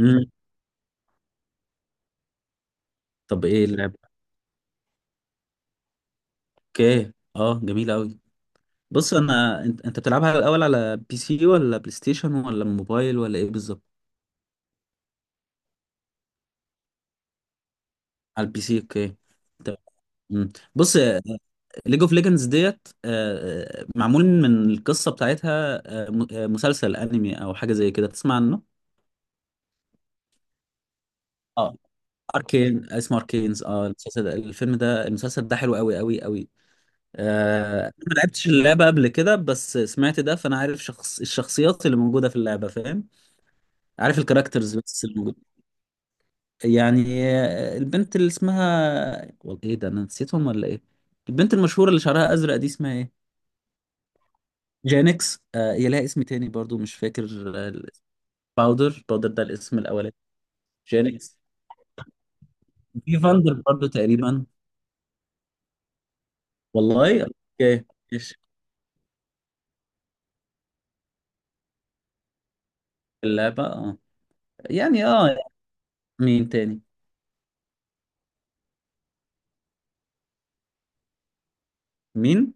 امم طب ايه اللعبة؟ اوكي، اه جميلة قوي. بص انا انت بتلعبها الاول على بي سي ولا بلاي ستيشن ولا موبايل ولا ايه بالظبط؟ على البي سي، اوكي. طب، مم. بص، ليج اوف ليجندز ديت معمول من القصة بتاعتها، مسلسل انمي او حاجة زي كده تسمع عنه؟ اه. اركين اسمه اركينز، اه المسلسل ده، الفيلم ده، المسلسل ده حلو قوي قوي قوي. انا ما لعبتش اللعبة قبل كده، بس سمعت ده فانا عارف شخص الشخصيات اللي موجودة في اللعبة، فاهم؟ عارف الكاركترز بس الموجود. يعني البنت اللي اسمها والله ايه ده، انا نسيتهم ولا ايه؟ البنت المشهورة اللي شعرها ازرق دي اسمها ايه؟ جانكس، آه. هي لها اسم تاني برضو مش فاكر. الاسم. باودر. باودر ده الاسم الاولاني. جانكس. في فاندر برضو تقريبا. والله؟ اوكي. ماشي. اللعبة، اه. يعني اه، مين تاني؟ مين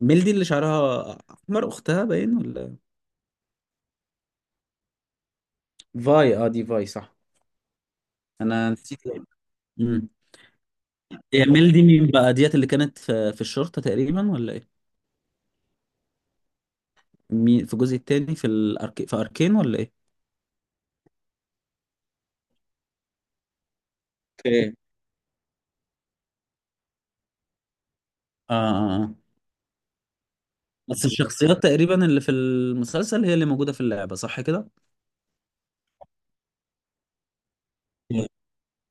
ميلدي اللي شعرها احمر، اختها باين ولا؟ فاي، اه، دي فاي صح. انا نسيت. هي ميل دي مين بقى ديت اللي كانت في الشرطة تقريبا ولا ايه؟ مين في الجزء التاني، في الأرك... في أركين ولا ايه؟ اوكي. آه, آه, آه. بس الشخصيات تقريبا اللي في المسلسل هي اللي موجودة في اللعبة صح كده؟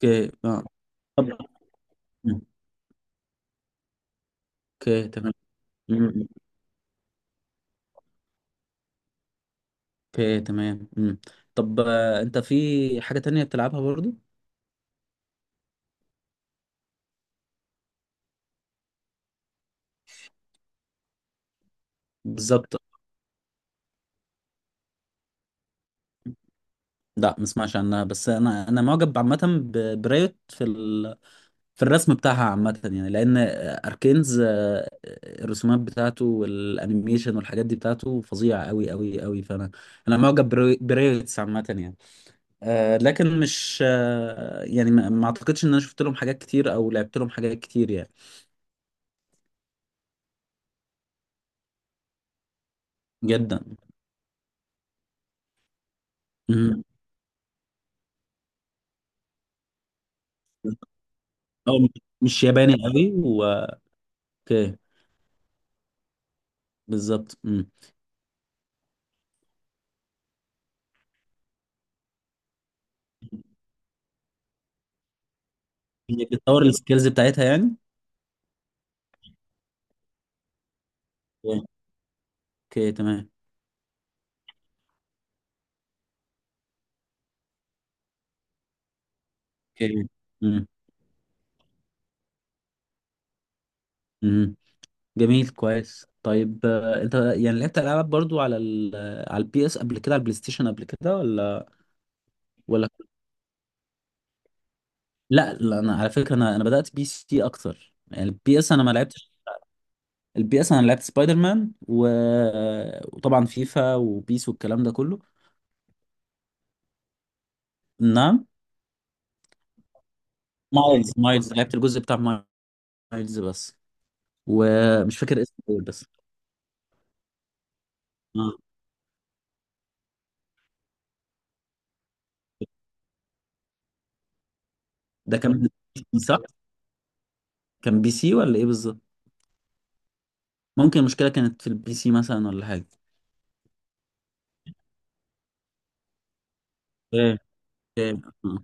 اوكي اه. طب. اوكي تمام. مم. اوكي تمام. طب انت في حاجة تانية بتلعبها برضو؟ بالظبط. لا ما اسمعش عنها، بس انا معجب عامة برايوت في في الرسم بتاعها عامة، يعني لأن أركينز، الرسومات بتاعته والأنيميشن والحاجات دي بتاعته فظيعة أوي أوي أوي. فأنا معجب بريوتس عامة يعني. لكن مش، يعني ما أعتقدش إن أنا شفت لهم حاجات كتير أو لعبت لهم حاجات كتير يعني. جدا. مم. أو مش ياباني أوي و... أوكي. بالظبط. مم. إنك بتطور السكيلز بتاعتها يعني. أوكي تمام. أوكي. مم. مم. جميل، كويس. طيب انت يعني لعبت العاب برضو على ال على البي اس قبل كده، على البلاي ستيشن قبل كده ولا؟ ولا. لا لا، انا على فكره، انا بدات بي سي اكتر يعني. البي اس انا ما لعبتش. البي اس انا لعبت سبايدر مان و... وطبعا فيفا وبيس والكلام ده كله. نعم. مايلز لعبت الجزء بتاع مايلز بس. ومش فاكر اسمه ايه بس. آه. ده كان، صح، كان بي سي ولا ايه بالظبط؟ ممكن المشكله كانت في البي سي مثلا ولا حاجه؟ ايه، ايه. آه.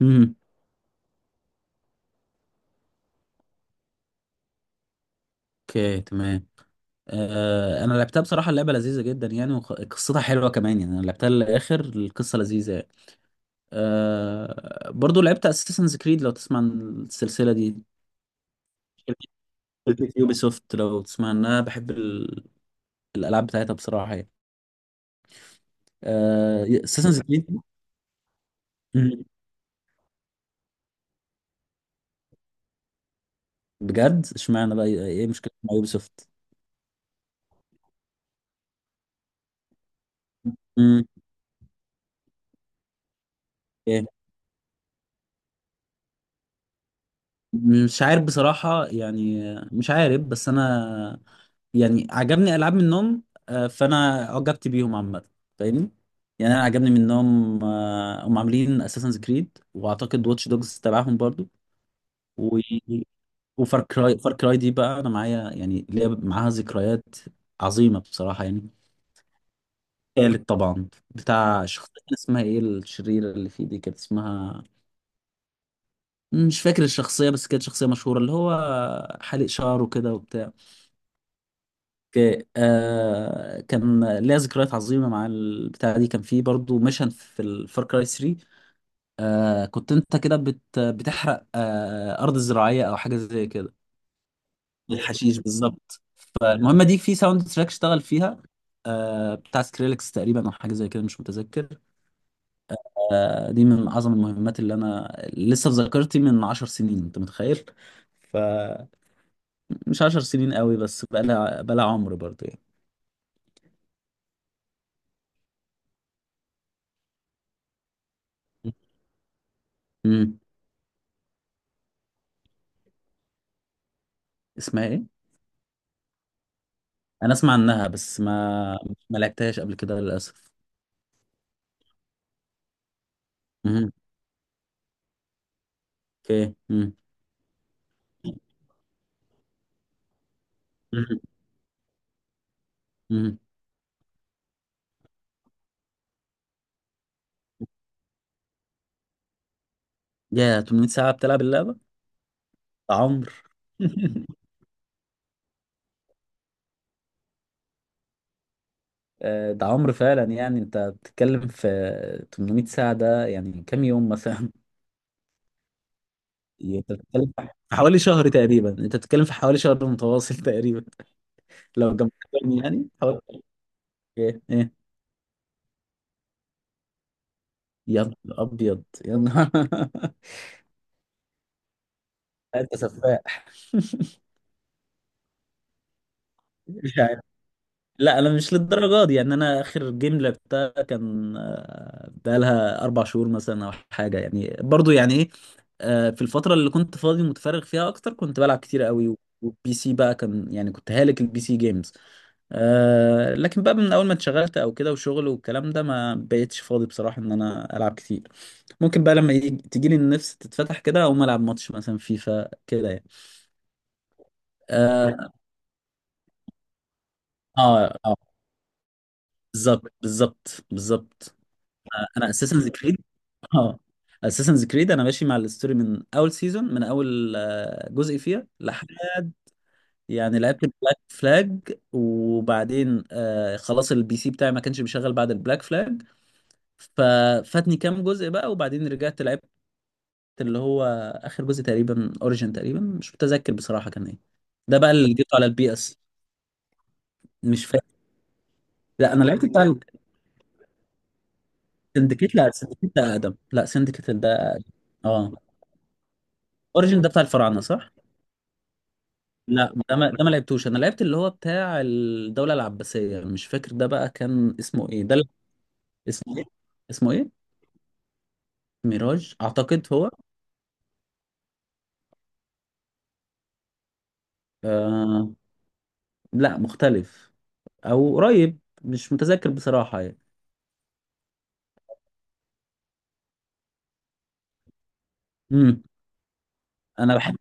مم. اوكي تمام. آه انا لعبتها بصراحه. اللعبه لذيذه جدا يعني، وقصتها حلوه كمان يعني. انا لعبتها للاخر، القصه لذيذه يعني. آه، برضو لعبت اساسنز كريد، لو تسمع عن السلسله دي. شركه يوبي سوفت لو تسمع عنها، بحب ال... الالعاب بتاعتها بصراحه يعني. اساسنز كريد. بجد؟ اشمعنى بقى، ايه مشكله مع يوبي سوفت؟ مم. إيه؟ مش عارف بصراحه يعني. مش عارف، بس انا يعني عجبني العاب منهم. فانا عجبت بيهم عامه، فاهمني؟ يعني انا عجبني منهم. هم عاملين اساسنز كريد، واعتقد واتش دوجز تبعهم برضو و... وفار كراي. فار كراي دي بقى انا معايا، يعني ليا معاها ذكريات عظيمه بصراحه يعني. تالت طبعا. بتاع شخصيه كان اسمها ايه؟ الشريره اللي فيه دي كانت اسمها، مش فاكر الشخصيه، بس كانت شخصيه مشهوره اللي هو حالق شعره كده. اوكي آه. كان ليا ذكريات عظيمه مع البتاعه دي. كان في برضو ميشن في الفار كراي 3. آه، كنت انت كده بتحرق ارض زراعيه او حاجه زي كده. الحشيش بالظبط. فالمهمه دي في ساوند تراك اشتغل فيها، آه، بتاع سكريلكس تقريبا او حاجه زي كده مش متذكر. آه، دي من اعظم المهمات اللي انا لسه في ذاكرتي من 10 سنين، انت متخيل؟ فمش، 10 سنين قوي، بس بقى لها، بقى لها عمر برضو يعني. مم. اسمها ايه؟ انا اسمع عنها بس ما ما لعبتهاش قبل كده للاسف. مهم. اوكي مهم. مهم. مهم. يا 800 ساعة بتلعب اللعبة ده؟ عمر. آه، ده عمر فعلا. يعني انت بتتكلم في 800 ساعة، ده يعني كام يوم مثلا؟ انت بتتكلم في حوالي شهر تقريبا، انت بتتكلم في حوالي شهر متواصل تقريبا لو جمعتهم يعني حوالي. ايه ايه. يا نهار ابيض يا نهار! انت سفاح! مش، لا انا مش للدرجه دي يعني. انا اخر جيم لعبتها كان بقالها 4 شهور مثلا او حاجه يعني برضو يعني ايه. في الفتره اللي كنت فاضي متفرغ فيها اكتر كنت بلعب كتير قوي. والبي سي بقى كان يعني كنت هالك البي سي جيمز. لكن بقى من اول ما اتشغلت او كده وشغل والكلام ده، ما بقيتش فاضي بصراحه ان انا العب كتير. ممكن بقى لما تجيلي النفس تتفتح كده اقوم العب ماتش مثلا فيفا كده يعني. اه، اه، بالظبط بالظبط بالظبط. انا اساسنز كريد، اه، اساسنز كريد انا ماشي مع الستوري من اول سيزون، من اول جزء فيها لحد يعني. لعبت البلاك فلاج، وبعدين آه خلاص البي سي بتاعي ما كانش بيشغل بعد البلاك فلاج. ففاتني كام جزء بقى، وبعدين رجعت لعبت اللي هو اخر جزء تقريبا، اوريجن تقريبا مش متذكر بصراحة كان ايه. ده بقى اللي جبته على البي اس. مش فاكر. لا انا لعبت بتاع سندكيت. لا سندكيت ده اقدم. لا سندكيت ده أقدم. اه. اوريجن ده بتاع الفراعنة صح؟ لا ده ما لعبتوش. انا لعبت اللي هو بتاع الدولة العباسية، مش فاكر ده بقى كان اسمه ايه ده اللي-. اسمه ايه؟ اسمه ايه؟ ميراج اعتقد هو. آه، لا مختلف. او قريب مش متذكر بصراحة يعني. امم انا بحب.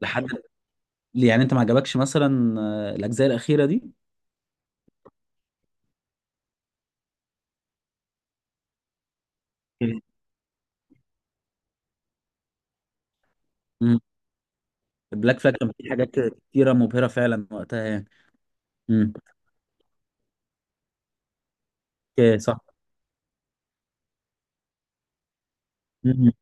لحد. يعني انت ما عجبكش مثلا الاجزاء الاخيرة دي؟ امم بلاك فلاج كان في حاجات كتيرة مبهرة فعلا وقتها يعني. امم. اوكي صح. امم.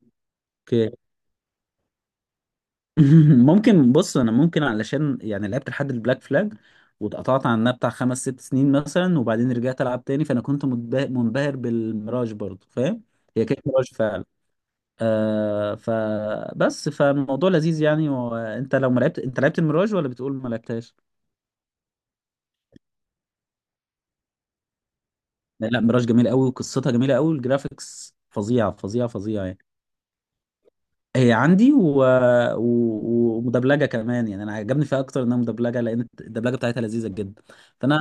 ممكن، بص انا ممكن علشان يعني لعبت لحد البلاك فلاج واتقطعت عنها بتاع 5 6 سنين مثلا، وبعدين رجعت العب تاني فانا كنت منبهر بالميراج برضه، فاهم؟ هي كانت ميراج فعلا. آه فبس، فالموضوع لذيذ يعني. وانت لو ما لعبت، انت لعبت الميراج ولا بتقول ما لعبتهاش؟ لا لا، ميراج جميل قوي، وقصتها جميله قوي، والجرافيكس فظيعه فظيعه فظيعه يعني. هي عندي و... و... ومدبلجه كمان يعني. انا عجبني فيها اكتر انها مدبلجه، لان الدبلجه بتاعتها لذيذه جدا. فانا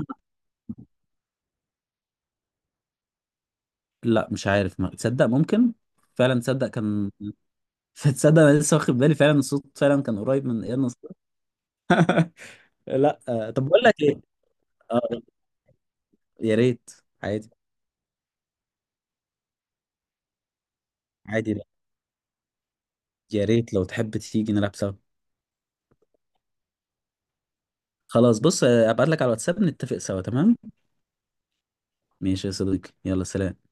لا مش عارف، ما تصدق ممكن فعلا تصدق كان تصدق انا لسه واخد بالي فعلا الصوت فعلا كان قريب من اياد نصار. لا آه. طب بقول لك ايه. آه. يا ريت. عادي، عادي. لا. يا ريت لو تحب تيجي نلعب سوا. خلاص بص، ابعت لك على الواتساب نتفق سوا، تمام. ماشي يا صديقي، يلا سلام.